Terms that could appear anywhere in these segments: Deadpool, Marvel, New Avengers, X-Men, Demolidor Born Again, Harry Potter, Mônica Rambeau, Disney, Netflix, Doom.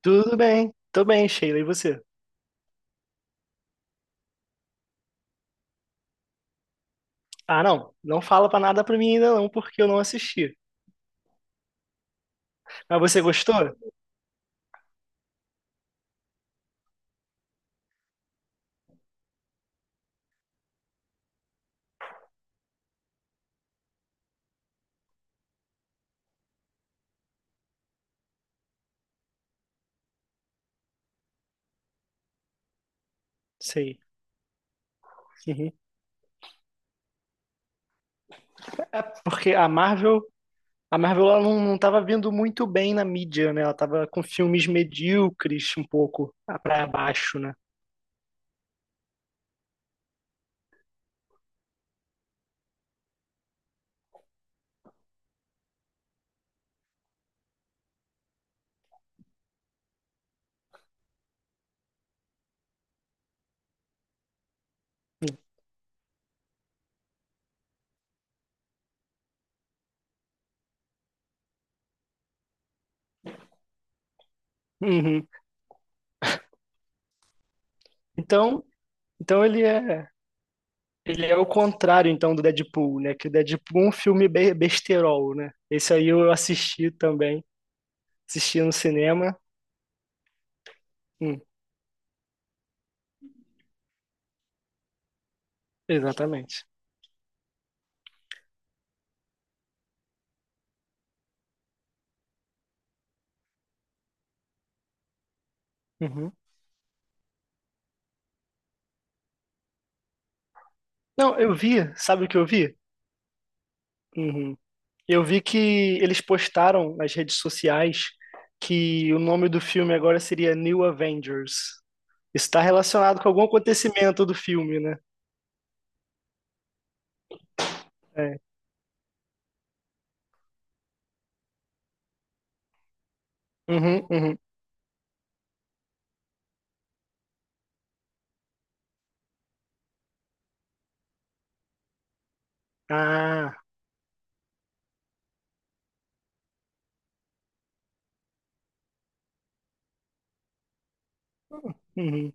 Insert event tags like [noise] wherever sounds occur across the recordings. Tudo bem, tô bem, Sheila, e você? Ah, não, não fala pra nada pra mim ainda não, porque eu não assisti. Mas você gostou? Sei. Uhum. Porque a Marvel ela não tava vindo muito bem na mídia, né? Ela tava com filmes medíocres um pouco pra baixo, né? Uhum. Então, então ele é o contrário então do Deadpool, né? Que o Deadpool é um filme be besterol, né? Esse aí eu assisti também, assisti no cinema. Hum, exatamente. Não, eu vi, sabe o que eu vi? Uhum. Eu vi que eles postaram nas redes sociais que o nome do filme agora seria New Avengers. Isso está relacionado com algum acontecimento do filme, né? Uhum, uhum. Ah, uhum.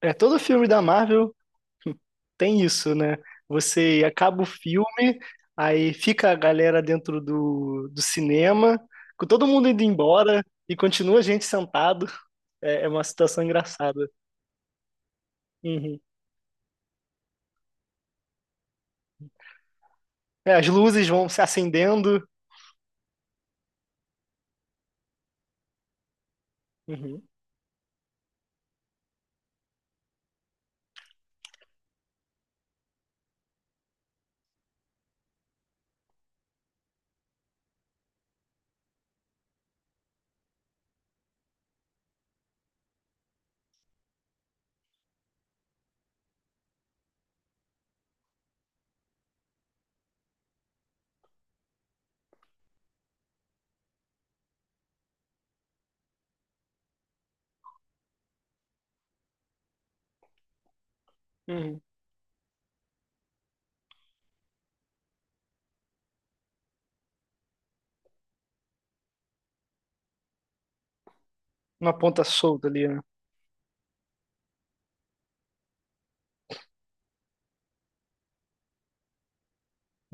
É, todo filme da Marvel [laughs] tem isso, né? Você acaba o filme, aí fica a galera dentro do cinema, com todo mundo indo embora e continua a gente sentado. É, é uma situação engraçada. É, as luzes vão se acendendo. Uhum, uhum. Uma ponta solta ali, né?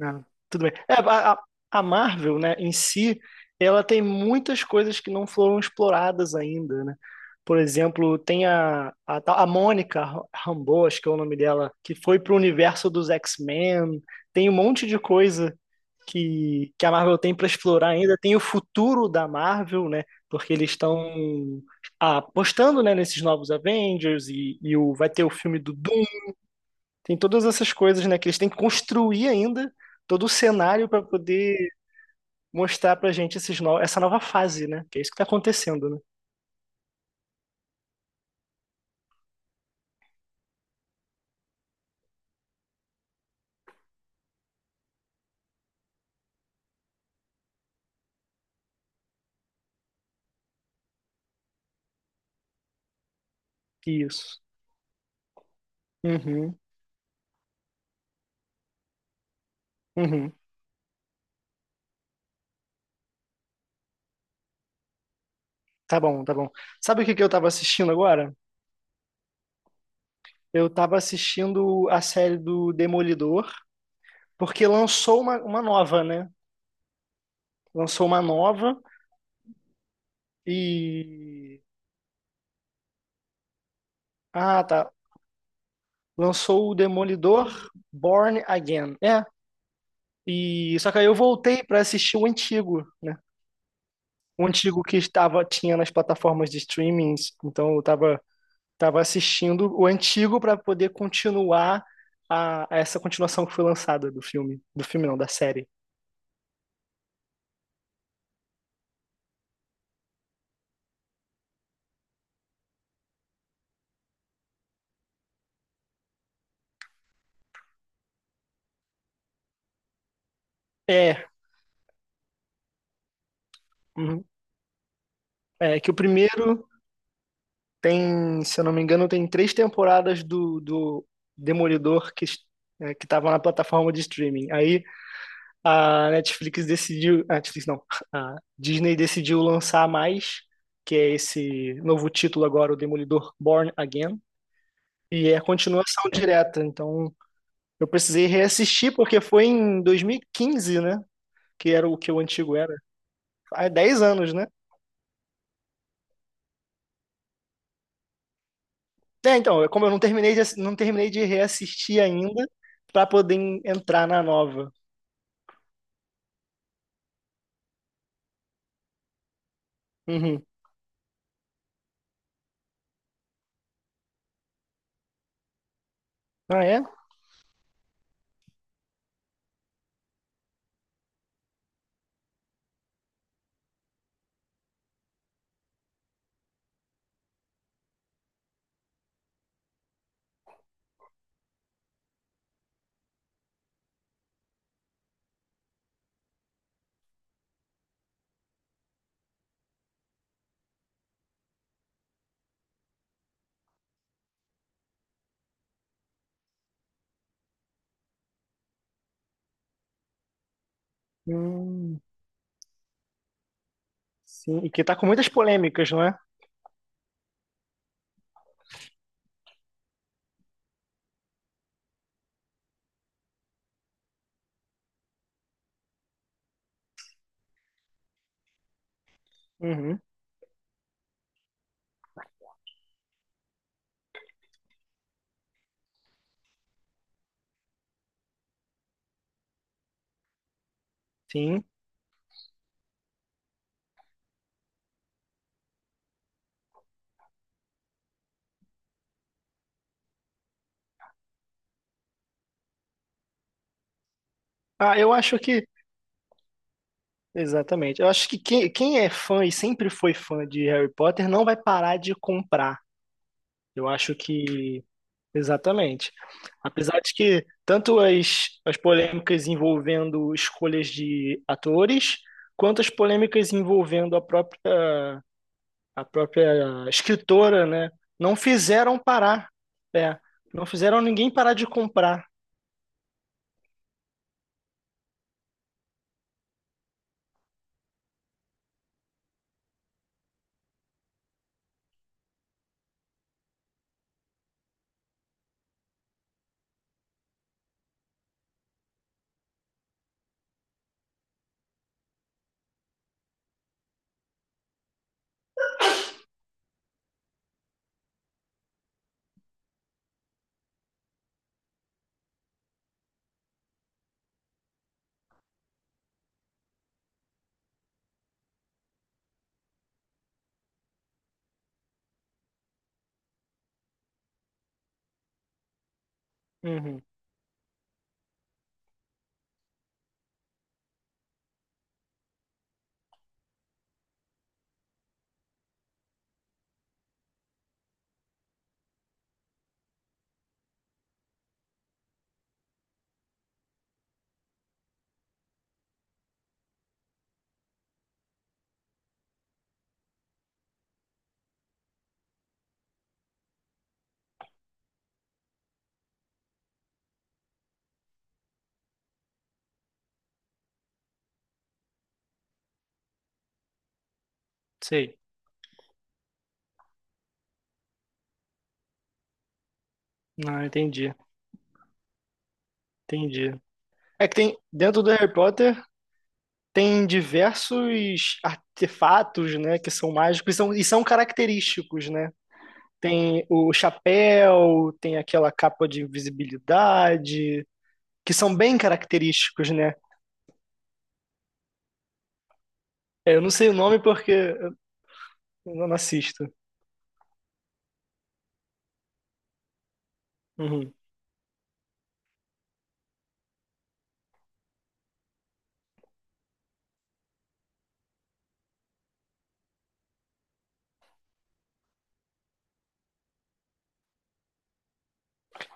Ah, tudo bem. É, a Marvel, né, em si, ela tem muitas coisas que não foram exploradas ainda, né? Por exemplo, tem a Mônica Rambeau, acho que é o nome dela, que foi pro universo dos X-Men. Tem um monte de coisa que a Marvel tem para explorar ainda. Tem o futuro da Marvel, né? Porque eles estão apostando, né, nesses novos Avengers e vai ter o filme do Doom. Tem todas essas coisas, né, que eles têm que construir ainda todo o cenário para poder mostrar pra gente esses no, essa nova fase, né? Que é isso que tá acontecendo, né? Isso. Uhum, uhum. Tá bom, tá bom. Sabe o que que eu tava assistindo agora? Eu tava assistindo a série do Demolidor, porque lançou uma nova, né? Lançou uma nova E. Ah, tá. Lançou o Demolidor Born Again. É. E só que aí eu voltei pra assistir o antigo, né? O antigo que estava tinha nas plataformas de streamings, então eu tava assistindo o antigo pra poder continuar a essa continuação que foi lançada do filme não, da série. É, uhum. É que o primeiro tem, se eu não me engano, tem três temporadas do Demolidor que estava na plataforma de streaming. Aí a Netflix decidiu, a Netflix não, a Disney decidiu lançar mais, que é esse novo título agora, o Demolidor Born Again, e é a continuação direta. Então, eu precisei reassistir porque foi em 2015, né? Que era o que o antigo era. Há 10 anos, né? É, então, é como eu não terminei de, não terminei de reassistir ainda para poder entrar na nova. Uhum. Ah, é? Hum, sim. E que tá com muitas polêmicas, não é? Uhum. Sim. Ah, eu acho que. Exatamente. Eu acho que quem, quem é fã e sempre foi fã de Harry Potter não vai parar de comprar. Eu acho que. Exatamente. Apesar de que tanto as polêmicas envolvendo escolhas de atores, quanto as polêmicas envolvendo a própria escritora, né? Não fizeram parar. É, não fizeram ninguém parar de comprar. Uhum, sei. Não, entendi. Entendi. É que tem, dentro do Harry Potter. Tem diversos artefatos, né, que são mágicos e são característicos, né? Tem o chapéu, tem aquela capa de invisibilidade, que são bem característicos, né? É, eu não sei o nome porque eu não assisto. Uhum.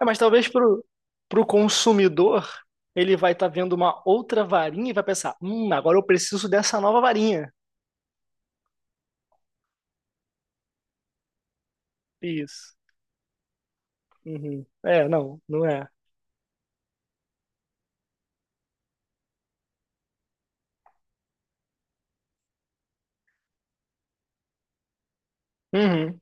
É, mas talvez pro consumidor, ele vai estar vendo uma outra varinha e vai pensar, agora eu preciso dessa nova varinha. Isso. Uhum. É, não, não é. Uhum.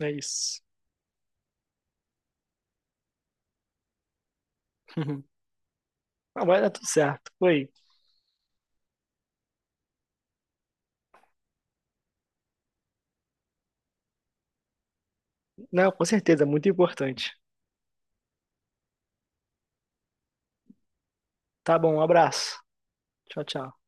É isso. Uhum. Não, mas é tudo certo. Foi. Não, com certeza, muito importante. Tá bom, um abraço. Tchau, tchau.